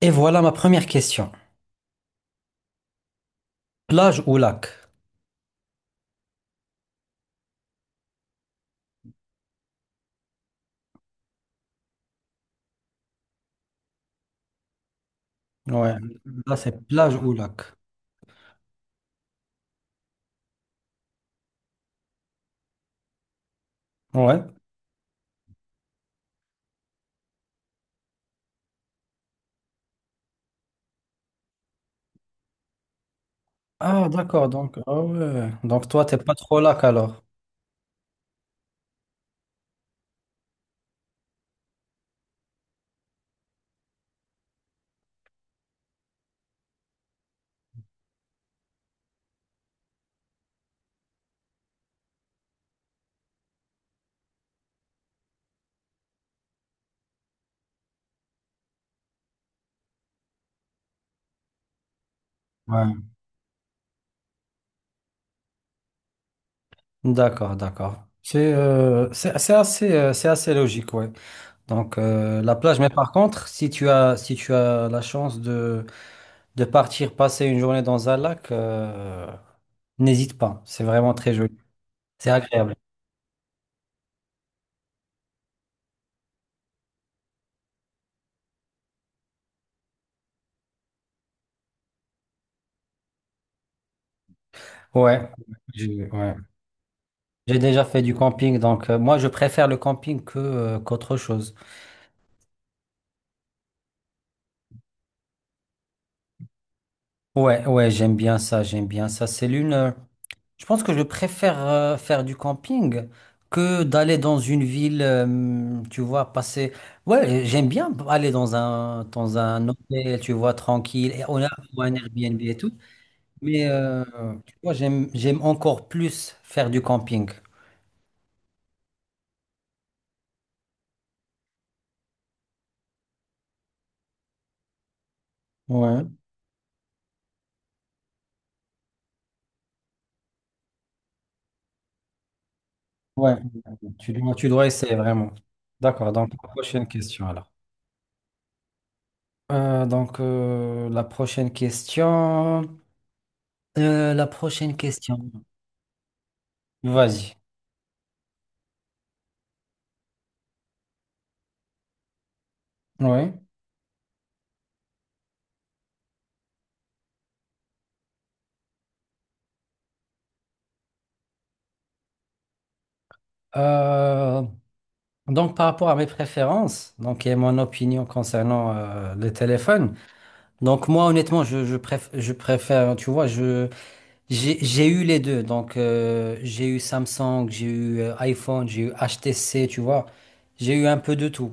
Et voilà ma première question. Plage ou lac? Ouais, là c'est plage ou lac. Ouais. Ah d'accord, donc ah ouais. Donc toi t'es pas trop lac alors. Ouais. D'accord, d'accord. C'est assez c'est assez logique, ouais. Donc la plage, mais par contre, si tu as la chance de partir passer une journée dans un lac, n'hésite pas. C'est vraiment très joli. C'est agréable. Ouais. Ouais. J'ai déjà fait du camping, donc moi je préfère le camping que qu'autre chose. Ouais, ouais, j'aime bien ça, j'aime bien ça. C'est l'une. Je pense que je préfère faire du camping que d'aller dans une ville, tu vois, passer. Ouais, j'aime bien aller dans un hôtel, tu vois, tranquille, et on a ou un Airbnb et tout. Mais tu vois, j'aime encore plus faire du camping. Ouais, ouais. Tu dois essayer vraiment. D'accord. Donc prochaine question alors. Euh, donc, euh, la prochaine question. La prochaine question. Vas-y. Oui. Euh, Par rapport à mes préférences, donc, et mon opinion concernant les téléphones. Donc, moi, honnêtement, je préfère, tu vois, j'ai, eu les deux. Donc, j'ai eu Samsung, j'ai eu iPhone, j'ai eu HTC, tu vois. J'ai eu un peu de tout.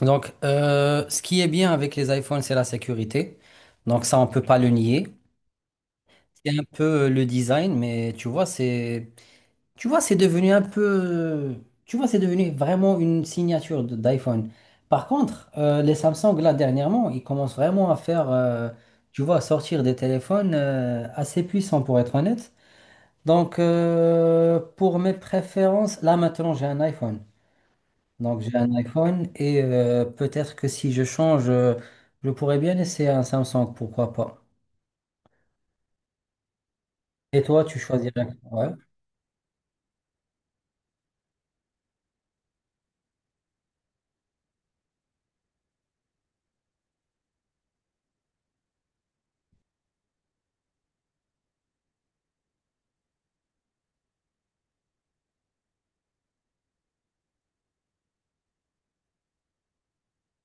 Donc, ce qui est bien avec les iPhones, c'est la sécurité. Donc, ça, on peut pas le nier. C'est un peu le design, mais tu vois, c'est devenu un peu, tu vois, c'est devenu vraiment une signature d'iPhone. Par contre, les Samsung, là, dernièrement, ils commencent vraiment à faire, tu vois, à sortir des téléphones assez puissants, pour être honnête. Donc, pour mes préférences, là, maintenant, j'ai un iPhone. Donc, j'ai un iPhone et peut-être que si je change, je pourrais bien essayer un Samsung, pourquoi pas. Et toi, tu choisirais quoi? Ouais.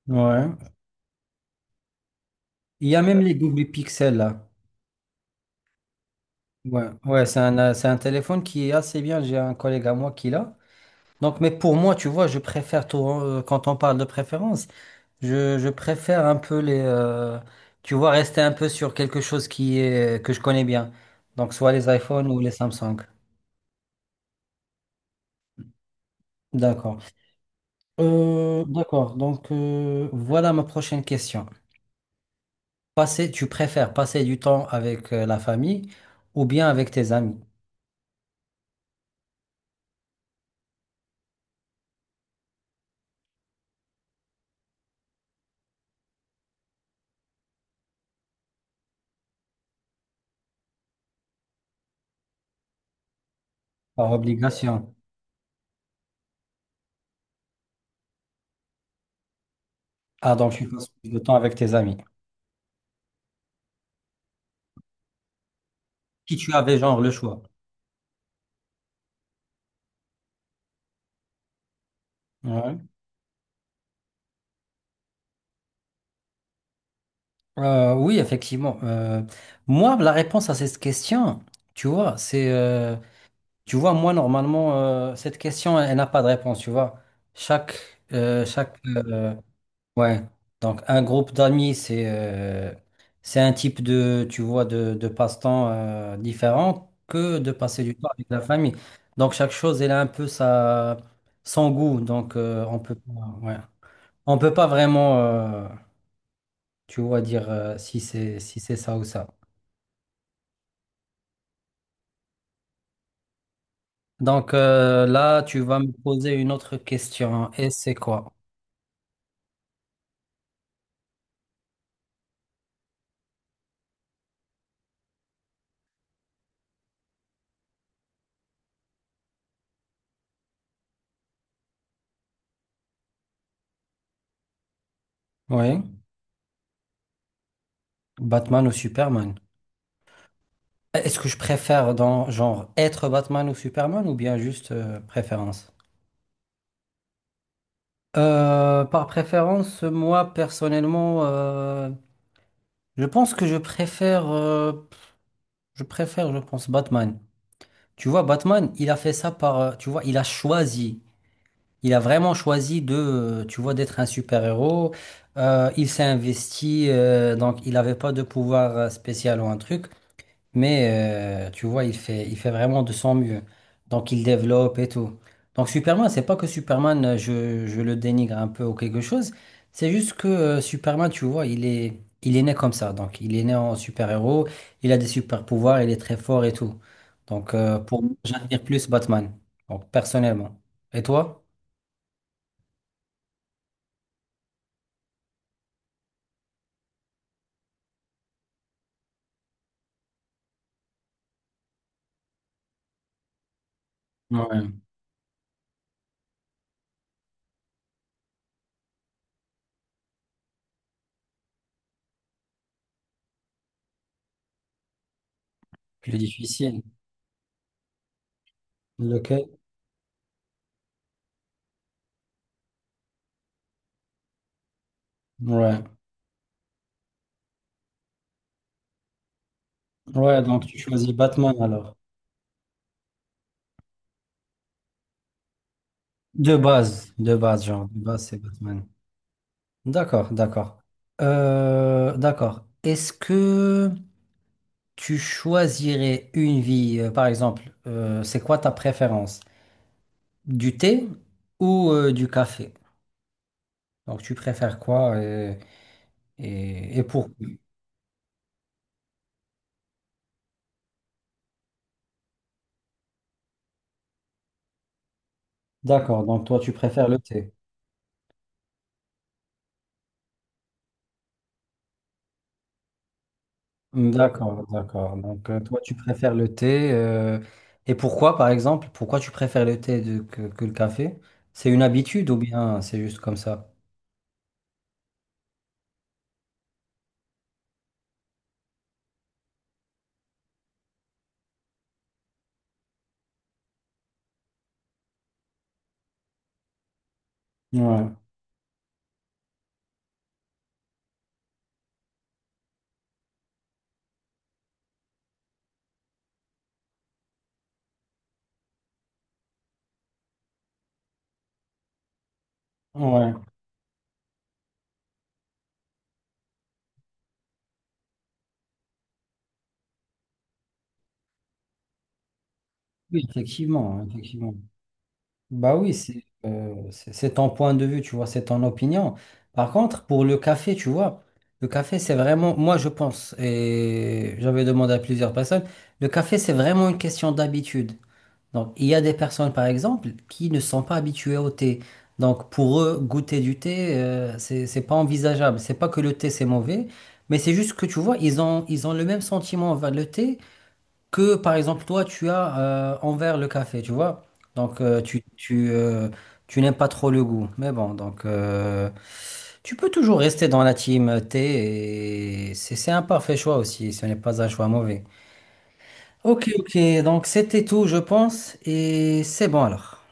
Ouais. Il y a même les double pixels là. Ouais, ouais, c'est un téléphone qui est assez bien. J'ai un collègue à moi qui l'a. Donc, mais pour moi, tu vois, je préfère tout, quand on parle de préférence, je préfère un peu les, tu vois, rester un peu sur quelque chose qui est, que je connais bien. Donc, soit les iPhones ou les Samsung. D'accord. D'accord. Donc, voilà ma prochaine question. Passer, tu préfères passer du temps avec la famille ou bien avec tes amis? Par obligation. Ah, donc tu passes plus de temps avec tes amis. Si tu avais genre le choix. Ouais. Oui, effectivement. Moi, la réponse à cette question, tu vois, c'est, tu vois, moi, normalement, cette question, elle n'a pas de réponse, tu vois. Chaque, euh, chaque, euh, ouais. Donc, un groupe d'amis, c'est un type de, tu vois, de passe-temps, différent que de passer du temps avec la famille. Donc, chaque chose, elle a un peu sa, son goût. Donc, on peut, ouais. On peut pas vraiment, tu vois, dire si c'est ça ou ça. Donc là, tu vas me poser une autre question. Et c'est quoi? Oui, Batman ou Superman? Est-ce que je préfère dans genre être Batman ou Superman ou bien juste préférence? Par préférence, moi personnellement, je pense que je préfère, je pense Batman. Tu vois, Batman, il a fait ça par, tu vois, il a choisi. Il a vraiment choisi de, tu vois, d'être un super-héros. Il s'est investi, donc il n'avait pas de pouvoir spécial ou un truc, mais tu vois, il fait vraiment de son mieux. Donc il développe et tout. Donc Superman, c'est pas que Superman, je le dénigre un peu ou quelque chose. C'est juste que Superman, tu vois, il est né comme ça. Donc il est né en super-héros, il a des super-pouvoirs, il est très fort et tout. Donc pour moi, j'admire plus Batman, donc personnellement. Et toi? Ouais. Plus difficile. Lequel? Ouais. Ouais, donc tu choisis Batman alors. De base, genre, de base, c'est Batman. D'accord, d'accord. D'accord. Est-ce que tu choisirais une vie, par exemple, c'est quoi ta préférence? Du thé ou du café? Donc, tu préfères quoi et, et pourquoi? D'accord, donc toi, tu préfères le thé. Mmh, d'accord, d'accord. Donc, toi, tu préfères le thé. Et pourquoi, par exemple, pourquoi tu préfères le thé que, le café? C'est une habitude ou bien c'est juste comme ça? Ouais, ouais. Oui, effectivement, effectivement. Bah oui, c'est ton point de vue, tu vois, c'est ton opinion. Par contre, pour le café, tu vois, le café, c'est vraiment, moi, je pense, et j'avais demandé à plusieurs personnes, le café, c'est vraiment une question d'habitude. Donc, il y a des personnes, par exemple, qui ne sont pas habituées au thé. Donc, pour eux, goûter du thé, c'est pas envisageable. C'est pas que le thé, c'est mauvais, mais c'est juste que, tu vois, ils ont le même sentiment envers le thé que, par exemple, toi, tu as envers le café, tu vois. Donc, tu n'aimes pas trop le goût. Mais bon, donc, tu peux toujours rester dans la team thé et c'est un parfait choix aussi. Ce n'est pas un choix mauvais. Ok, ok, donc c'était tout, je pense, et c'est bon alors.